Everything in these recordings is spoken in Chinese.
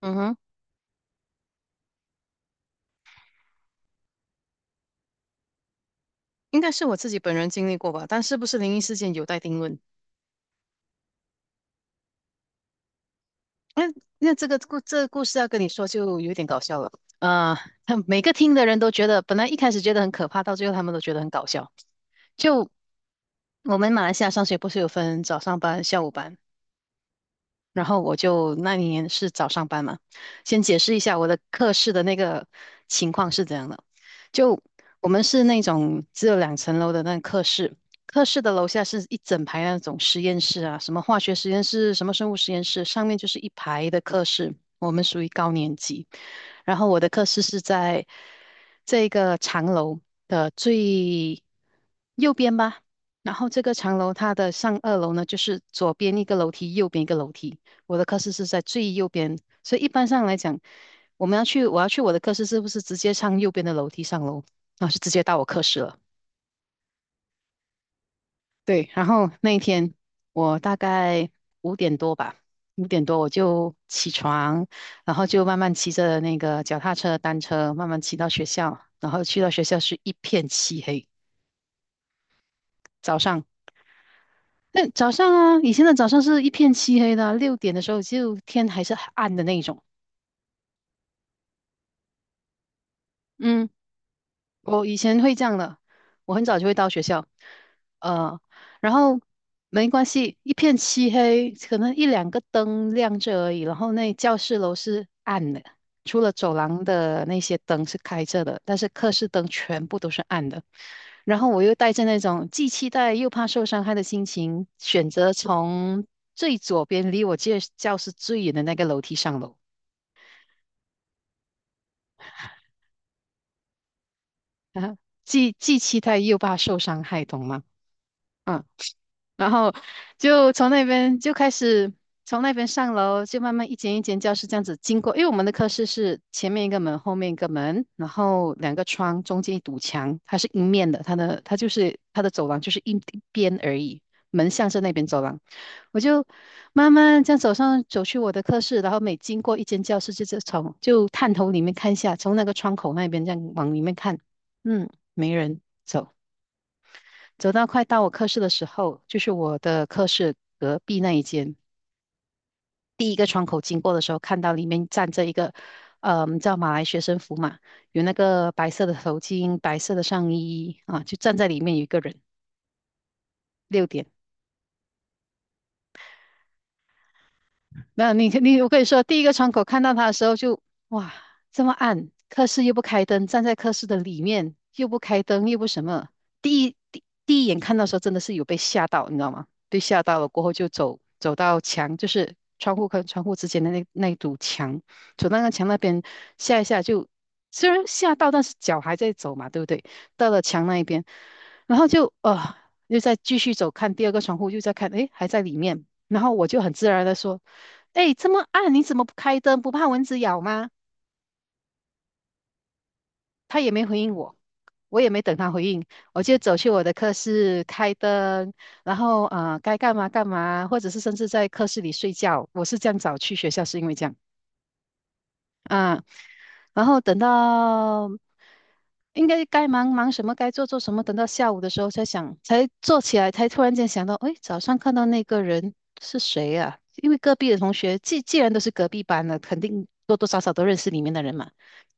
嗯哼，应该是我自己本人经历过吧，但是不是灵异事件有待定论。那那这个故事要跟你说就有点搞笑了。啊！他每个听的人都觉得，本来一开始觉得很可怕，到最后他们都觉得很搞笑。就我们马来西亚上学不是有分早上班、下午班？然后我就那一年是早上班嘛，先解释一下我的课室的那个情况是怎样的。就我们是那种只有两层楼的那个课室，课室的楼下是一整排那种实验室啊，什么化学实验室，什么生物实验室，上面就是一排的课室。我们属于高年级，然后我的课室是在这个长楼的最右边吧。然后这个长楼它的上二楼呢，就是左边一个楼梯，右边一个楼梯。我的课室是在最右边，所以一般上来讲，我要去我的课室，是不是直接上右边的楼梯上楼然后是直接到我课室了。对，然后那一天我大概五点多吧，五点多我就起床，然后就慢慢骑着那个脚踏车、单车，慢慢骑到学校，然后去到学校是一片漆黑。早上，那早上啊，以前的早上是一片漆黑的啊六点的时候就天还是很暗的那种。嗯，我以前会这样的，我很早就会到学校，呃，然后没关系，一片漆黑，可能一两个灯亮着而已，然后那教室楼是暗的，除了走廊的那些灯是开着的，但是课室灯全部都是暗的。然后我又带着那种既期待又怕受伤害的心情，选择从最左边离我教室最远的那个楼梯上楼，啊，既期待又怕受伤害，懂吗？嗯。然后就从那边就开始从那边上楼，就慢慢一间一间教室这样子经过。因为我们的课室是前面一个门，后面一个门，然后两个窗，中间一堵墙，它是阴面的，它的走廊就是一边而已，门向着那边走廊。我就慢慢这样走上走去我的课室，然后每经过一间教室就，就是探头里面看一下，从那个窗口那边这样往里面看，嗯，没人。走。走到快到我课室的时候，就是我的课室隔壁那一间，第一个窗口经过的时候，看到里面站着一个，叫马来学生服嘛，有那个白色的头巾、白色的上衣啊，就站在里面有一个人，六点。那你你我跟你说，第一个窗口看到他的时候就哇，这么暗，科室又不开灯，站在科室的里面又不开灯，又不什么。第一眼看到的时候，真的是有被吓到，你知道吗？被吓到了过后就走到墙，就是窗户跟窗户之间的那一堵墙，走到那个墙那边吓一吓就，虽然吓到，但是脚还在走嘛，对不对？到了墙那一边，然后就又再继续走，看第二个窗户，又在看，诶，还在里面。然后我就很自然的说。哎，这么暗，你怎么不开灯？不怕蚊子咬吗？他也没回应我，我也没等他回应，我就走去我的课室开灯，然后该干嘛干嘛，或者是甚至在课室里睡觉。我是这样早去学校，是因为这样。啊，然后等到应该该忙忙什么，该做做什么，等到下午的时候才想，才坐起来，才突然间想到，哎，早上看到那个人是谁呀、因为隔壁的同学，既然都是隔壁班的，肯定多多少少都认识里面的人嘛。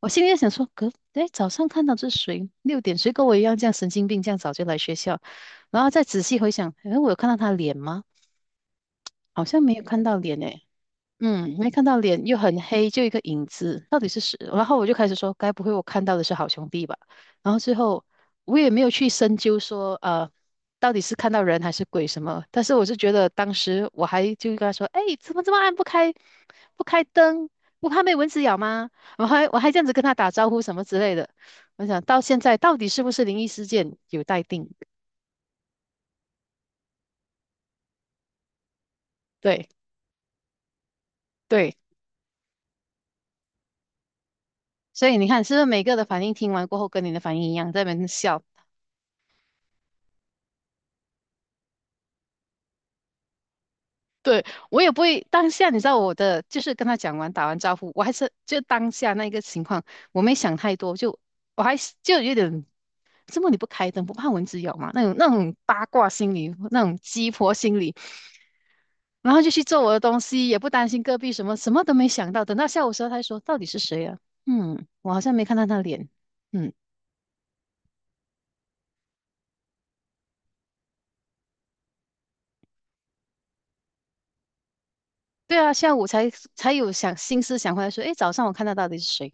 我心里在想说，哎，早上看到这是谁？六点，谁跟我一样这样神经病，这样早就来学校？然后再仔细回想，哎，我有看到他脸吗？好像没有看到脸呢。没看到脸又很黑，就一个影子，到底是谁？然后我就开始说，该不会我看到的是好兄弟吧？然后最后我也没有去深究说，到底是看到人还是鬼什么。但是我是觉得当时我还就跟他说，哎，怎么这么暗，不开灯，不怕被蚊子咬吗？我还这样子跟他打招呼什么之类的。我想到现在到底是不是灵异事件有待定。对对，所以你看是不是每个的反应听完过后跟你的反应一样，在那边笑。我也不会当下，你知道我的，就是跟他讲完打完招呼，我还是就当下那个情况，我没想太多，就我还是就有点，这么你不开灯不怕蚊子咬吗？那种八卦心理，那种鸡婆心理，然后就去做我的东西，也不担心隔壁什么，什么都没想到。等到下午时候，他说到底是谁啊？嗯，我好像没看到他脸。嗯，对啊，下午才有想心思想回来说，诶，早上我看到到底是谁？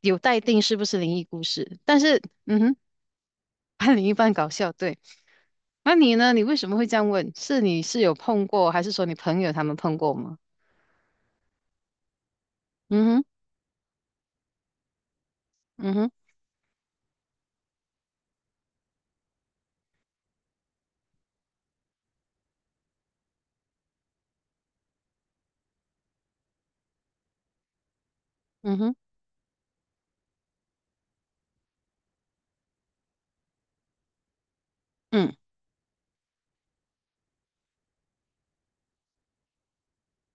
有待定是不是灵异故事？但是，嗯哼。半灵异半搞笑，对。那你呢？你为什么会这样问？是你是有碰过，还是说你朋友他们碰过吗？嗯哼，嗯哼，嗯哼，嗯，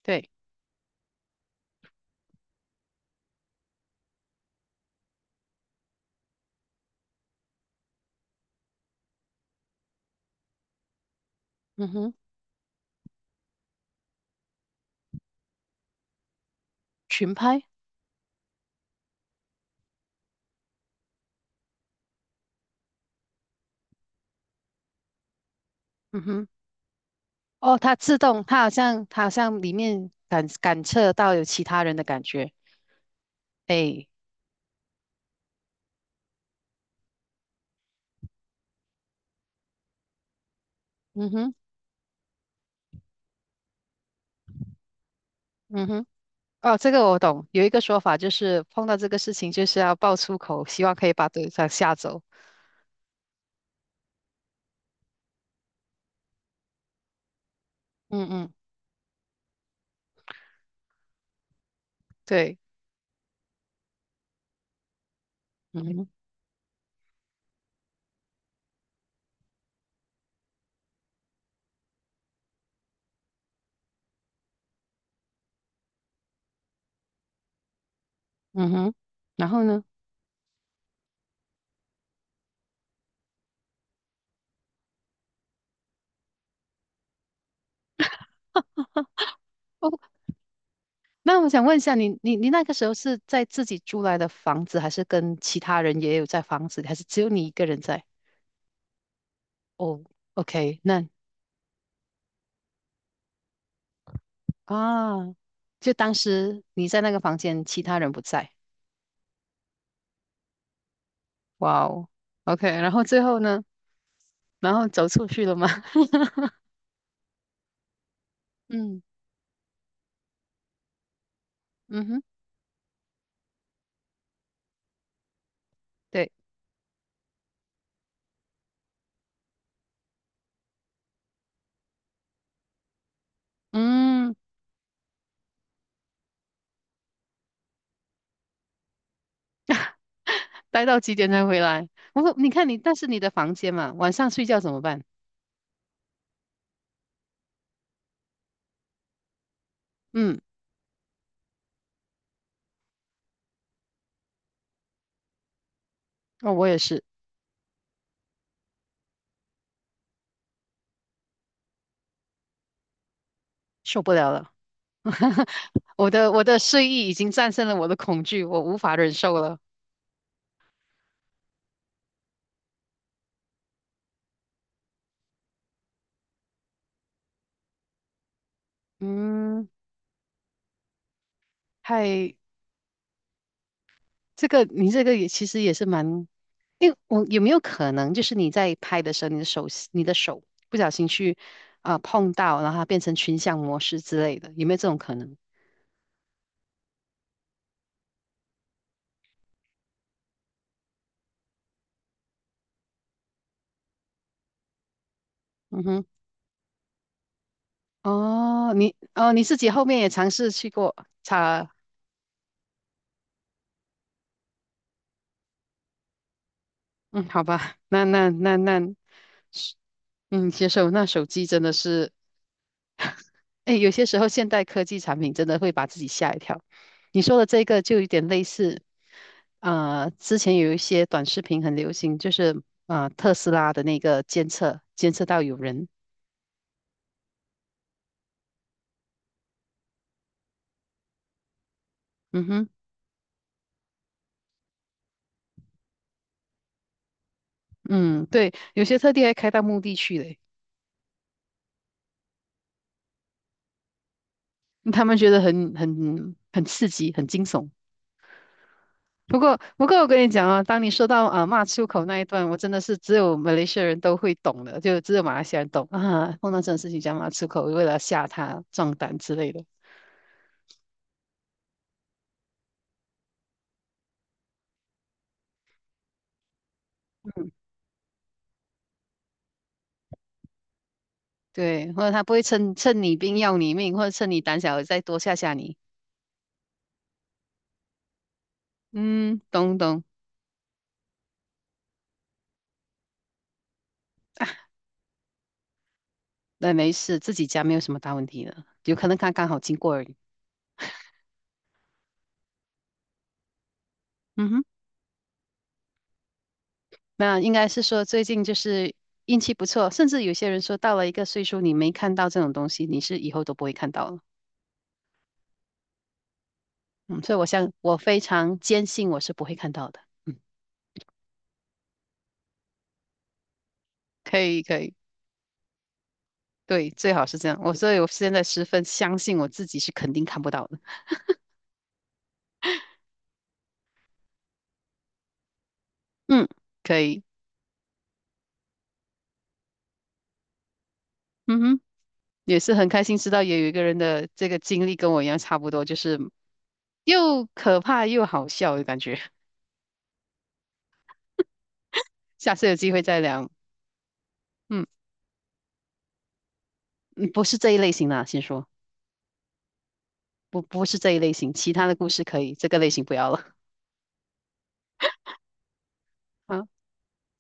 对，嗯哼，群拍，嗯哼，哦，它自动，它好像里面感测到有其他人的感觉，哎，嗯哼，嗯哼，哦，这个我懂，有一个说法就是碰到这个事情就是要爆粗口，希望可以把对方吓走。嗯嗯，对，嗯哼，嗯哼，然后呢？哦。那我想问一下，你那个时候是在自己租来的房子，还是跟其他人也有在房子里还是只有你一个人在？哦，OK，那啊，就当时你在那个房间，其他人不在。哇哦，OK，然后最后呢？然后走出去了吗？嗯嗯哼，对，嗯，待到几点才回来？我说，你看你，但是你的房间嘛，晚上睡觉怎么办？嗯，哦，我也是受不了了。我的睡意已经战胜了我的恐惧，我无法忍受了。嗯，嗨，这个你这个也其实也是蛮，因为我有没有可能就是你在拍的时候，你的手不小心去碰到，然后它变成群像模式之类的，有没有这种可能？嗯哼，哦，你自己后面也尝试去过擦，嗯，好吧，那，是嗯，接受那手机真的是。哎，有些时候现代科技产品真的会把自己吓一跳。你说的这个就有点类似，之前有一些短视频很流行，就是特斯拉的那个监测，监测到有人，嗯哼，嗯，对，有些特地还开到墓地去嘞，他们觉得很刺激，很惊悚。不过我跟你讲啊，当你说到啊骂出口那一段，我真的是只有马来西亚人都会懂的，就只有马来西亚人懂啊。碰到这种事情讲骂出口，为了吓他壮胆之类的。对，或者他不会趁你病要你命，或者趁你胆小再多吓吓你。嗯，懂懂，那没事，自己家没有什么大问题的，有可能他刚好经过而已。嗯哼，那应该是说最近就是运气不错，甚至有些人说到了一个岁数，你没看到这种东西，你是以后都不会看到了。嗯，所以我想，我非常坚信我是不会看到的。嗯，可以可以，对，最好是这样。所以我现在十分相信我自己是肯定看不到的。嗯，可以。嗯哼。也是很开心知道也有一个人的这个经历跟我一样差不多，就是又可怕又好笑的感觉。下次有机会再聊。嗯，嗯不是这一类型的，先说不是这一类型，其他的故事可以，这个类型不要了。好，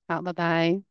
好，拜拜。